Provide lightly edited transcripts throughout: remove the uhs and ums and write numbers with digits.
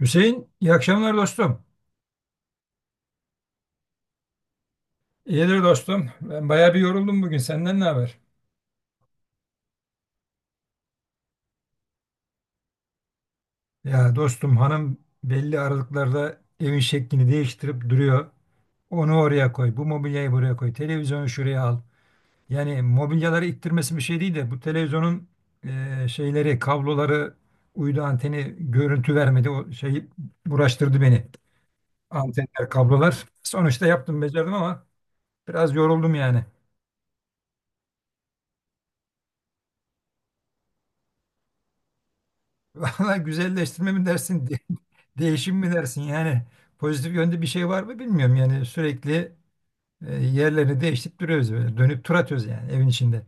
Hüseyin, iyi akşamlar dostum. İyidir dostum. Ben bayağı bir yoruldum bugün. Senden ne haber? Ya dostum, hanım belli aralıklarda evin şeklini değiştirip duruyor. Onu oraya koy, bu mobilyayı buraya koy, televizyonu şuraya al. Yani mobilyaları ittirmesi bir şey değil de bu televizyonun şeyleri, kabloları, uydu anteni görüntü vermedi. O şeyi uğraştırdı beni. Antenler, kablolar. Sonuçta yaptım, becerdim ama biraz yoruldum yani. Valla güzelleştirme mi dersin, değişim mi dersin? Yani pozitif yönde bir şey var mı bilmiyorum. Yani sürekli yerlerini değiştirip duruyoruz böyle. Dönüp tur atıyoruz yani evin içinde.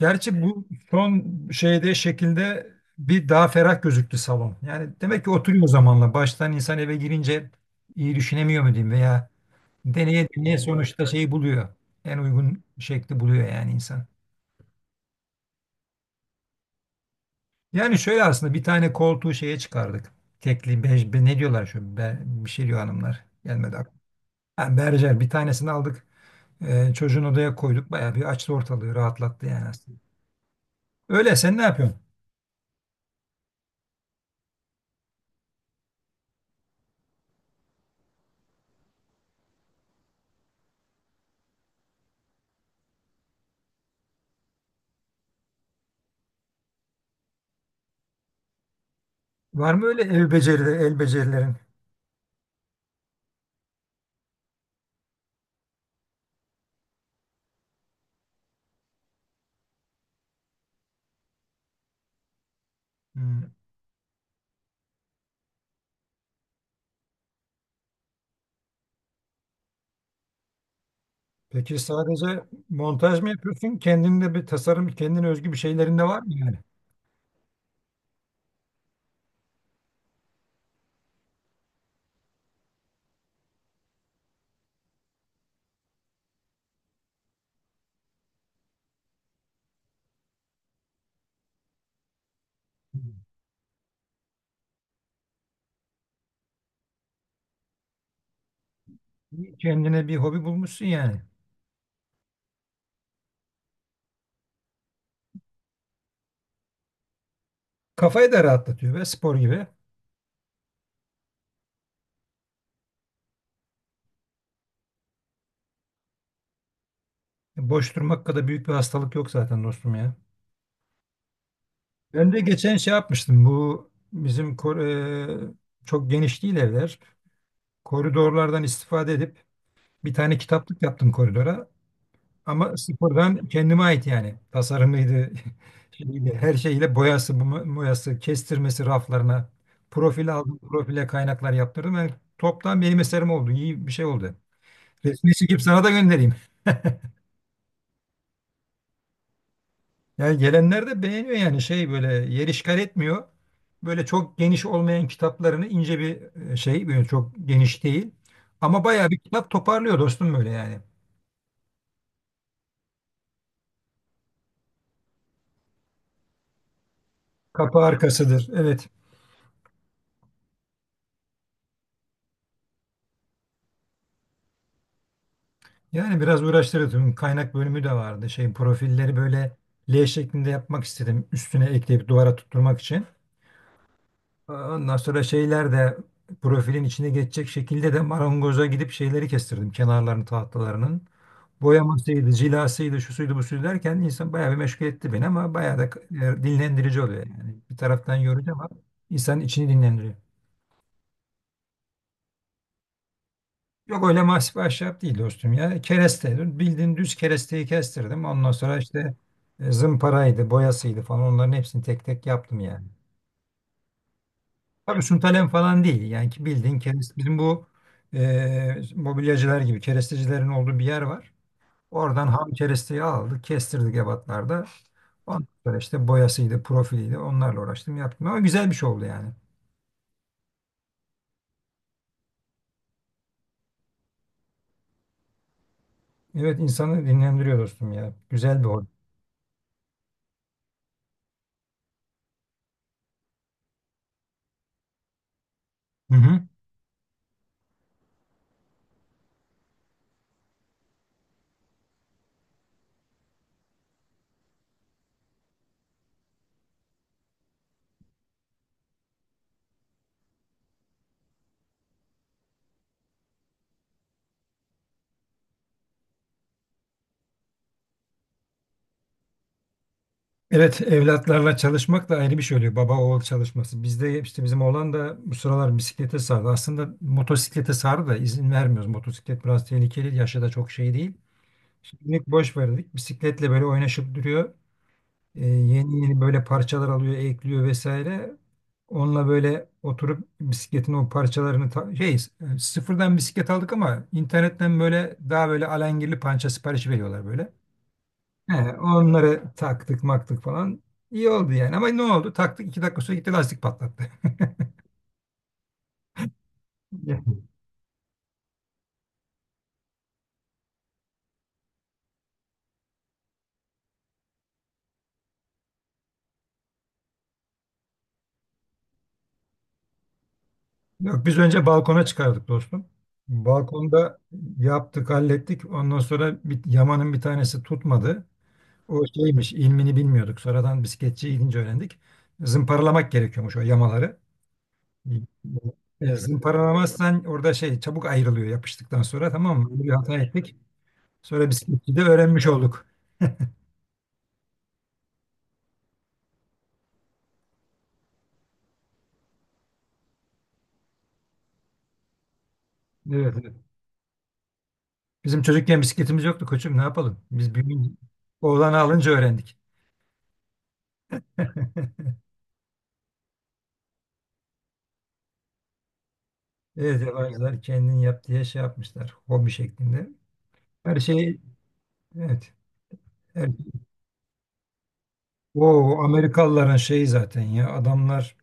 Gerçi bu son şekilde bir daha ferah gözüktü salon. Yani demek ki oturuyor zamanla. Baştan insan eve girince iyi düşünemiyor mu diyeyim veya deneye deneye sonuçta şeyi buluyor. En uygun şekli buluyor yani insan. Yani şöyle aslında bir tane koltuğu şeye çıkardık. Tekli, bej, ne diyorlar şu be, bir şey diyor hanımlar. Gelmedi aklıma. Ha, berjer bir tanesini aldık. Çocuğun odaya koyduk. Bayağı bir açtı, ortalığı rahatlattı yani aslında. Öyle, sen ne yapıyorsun? Var mı öyle ev becerileri, el becerilerin? Hmm. Peki sadece montaj mı yapıyorsun? Kendinde bir tasarım, kendine özgü bir şeylerin de var mı yani? Hmm. Kendine bir hobi bulmuşsun yani. Kafayı da rahatlatıyor be, spor gibi. Boş durmak kadar büyük bir hastalık yok zaten dostum ya. Ben de geçen şey yapmıştım. Bu bizim e, çok geniş değil evler. Koridorlardan istifade edip bir tane kitaplık yaptım koridora. Ama sıfırdan kendime ait yani. Tasarımıydı. Şeyiyle, her şeyiyle, boyası, boyası, kestirmesi, raflarına. Profil aldım, profile kaynaklar yaptırdım. Yani toptan benim eserim oldu. İyi bir şey oldu. Resmi çekip sana da göndereyim. Yani gelenler de beğeniyor yani şey, böyle yer işgal etmiyor. Böyle çok geniş olmayan kitaplarını, ince bir şey, böyle çok geniş değil. Ama bayağı bir kitap toparlıyor dostum böyle yani. Kapı arkasıdır. Evet. Yani biraz uğraştırdı. Tüm kaynak bölümü de vardı. Şey profilleri böyle L şeklinde yapmak istedim. Üstüne ekleyip duvara tutturmak için. Ondan sonra şeyler de profilin içine geçecek şekilde de marangoza gidip şeyleri kestirdim, kenarlarını tahtalarının. Boyamasıydı, cilasıydı, şu suydu bu suydu derken insan bayağı bir meşgul etti beni ama bayağı da dinlendirici oluyor yani. Bir taraftan yorucu ama insanın içini dinlendiriyor. Yok, öyle masif ahşap değil dostum ya. Kereste, bildiğin düz keresteyi kestirdim. Ondan sonra işte zımparaydı, boyasıydı falan, onların hepsini tek tek yaptım yani. Tabii sunt alem falan değil. Yani ki bildiğin kereste, bizim bu mobilyacılar gibi kerestecilerin olduğu bir yer var. Oradan ham keresteyi aldık, kestirdik ebatlarda. Ondan sonra işte boyasıydı, profiliydi. Onlarla uğraştım, yaptım. Ama güzel bir şey oldu yani. Evet, insanı dinlendiriyor dostum ya. Güzel bir hobi. Hı hı. Evet, evlatlarla çalışmak da ayrı bir şey oluyor. Baba oğul çalışması. Bizde işte bizim oğlan da bu sıralar bisiklete sardı. Aslında motosiklete sardı da izin vermiyoruz. Motosiklet biraz tehlikeli, yaşı da çok şey değil. Şimdilik boş verdik. Bisikletle böyle oynaşıp duruyor. Yeni yeni böyle parçalar alıyor, ekliyor vesaire. Onunla böyle oturup bisikletin o parçalarını sıfırdan bisiklet aldık ama internetten böyle, daha böyle alengirli pança sipariş veriyorlar böyle. He, onları taktık maktık falan. İyi oldu yani ama ne oldu? Taktık, 2 dakika sonra gitti lastik patlattı. Yok, biz önce balkona çıkardık dostum. Balkonda yaptık, hallettik. Ondan sonra yamanın bir tanesi tutmadı. O şeymiş, ilmini bilmiyorduk. Sonradan bisikletçiye gidince öğrendik. Zımparalamak gerekiyormuş o yamaları. Zımparalamazsan orada şey çabuk ayrılıyor yapıştıktan sonra, tamam mı? Böyle bir hata ettik. Sonra bisikleti de öğrenmiş olduk. Evet, evet. Bizim çocukken bisikletimiz yoktu koçum, ne yapalım? Biz büyüyünce, oğlanı alınca öğrendik. Evet, yabancılar kendin yap diye şey yapmışlar, hobi şeklinde. Her şey, evet. Her, şey, O Amerikalıların şeyi zaten ya, adamlar,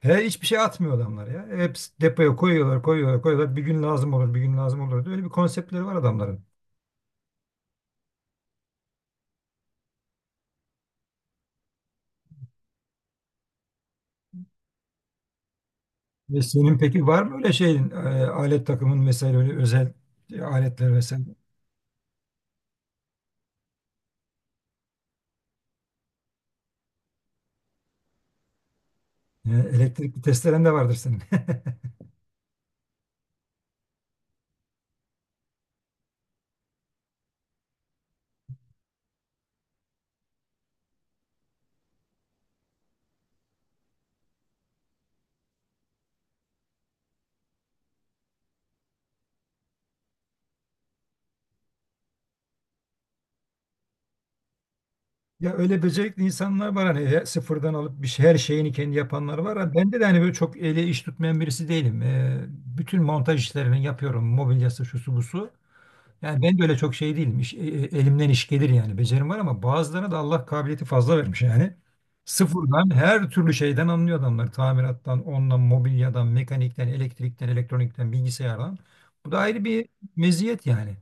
he, hiçbir şey atmıyor adamlar ya. Hep depoya koyuyorlar, koyuyorlar, koyuyorlar. Bir gün lazım olur, bir gün lazım olur diye. Öyle bir konseptleri var adamların. Ve senin peki var mı öyle şeyin, alet takımın vesaire, öyle özel aletler vesaire? Elektrikli testeren de vardır senin. Ya öyle becerikli insanlar var hani, sıfırdan alıp bir şey, her şeyini kendi yapanlar var. Ha, bende de hani böyle çok eli iş tutmayan birisi değilim. Bütün montaj işlerini yapıyorum. Mobilyası, şusu, busu. Yani ben de öyle çok şey değilim. Elimden iş gelir yani. Becerim var ama bazılarına da Allah kabiliyeti fazla vermiş yani. Sıfırdan her türlü şeyden anlıyor adamlar. Tamirattan, ondan, mobilyadan, mekanikten, elektrikten, elektronikten, bilgisayardan. Bu da ayrı bir meziyet yani.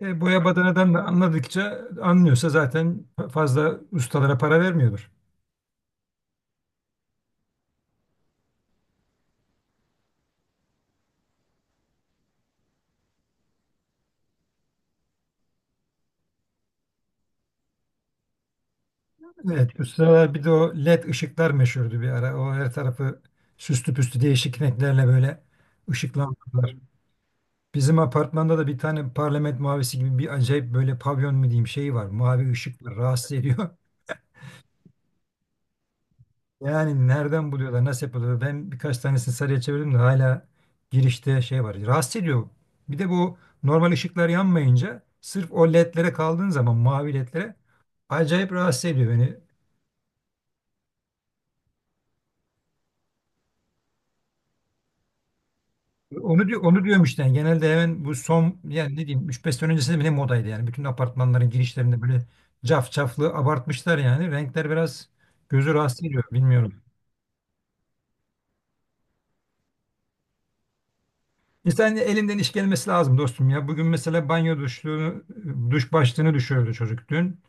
Boya badanadan da anladıkça anlıyorsa zaten fazla ustalara para vermiyordur. Evet, bu sıralar bir de o LED ışıklar meşhurdu bir ara. O her tarafı süslü püslü, değişik renklerle böyle ışıklandırdılar. Bizim apartmanda da bir tane parlament mavisi gibi bir acayip, böyle pavyon mu diyeyim, şey var. Mavi ışık var. Rahatsız ediyor. Yani nereden buluyorlar? Nasıl yapıyorlar? Ben birkaç tanesini sarıya çevirdim de hala girişte şey var. Rahatsız ediyor. Bir de bu normal ışıklar yanmayınca sırf o ledlere kaldığın zaman, mavi ledlere, acayip rahatsız ediyor beni. Onu diyor, onu diyorum işte, yani genelde hemen bu son, yani ne diyeyim, 3-5 sene öncesinde bile modaydı yani. Bütün apartmanların girişlerinde böyle caf caflı abartmışlar yani. Renkler biraz gözü rahatsız ediyor, bilmiyorum. İnsanın elinden iş gelmesi lazım dostum ya. Bugün mesela banyo duşluğunu, duş başlığını düşürdü çocuk dün.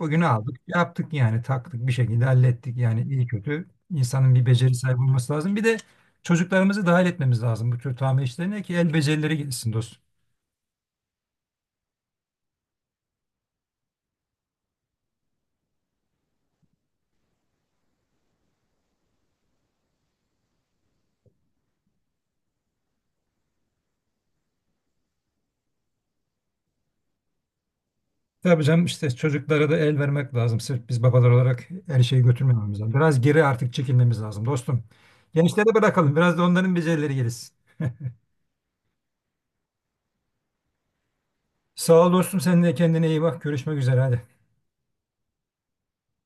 Bugün aldık, yaptık yani, taktık bir şekilde, hallettik yani iyi kötü. İnsanın bir beceri sahibi olması lazım. Bir de çocuklarımızı dahil etmemiz lazım bu tür tamir işlerine ki el becerileri gelişsin dostum. Tabii canım, işte çocuklara da el vermek lazım. Sırf biz babalar olarak her şeyi götürmememiz lazım. Biraz geri artık çekilmemiz lazım dostum. Gençlere bırakalım. Biraz da onların becerileri gelişsin. Sağ ol dostum. Sen de kendine iyi bak. Görüşmek üzere hadi.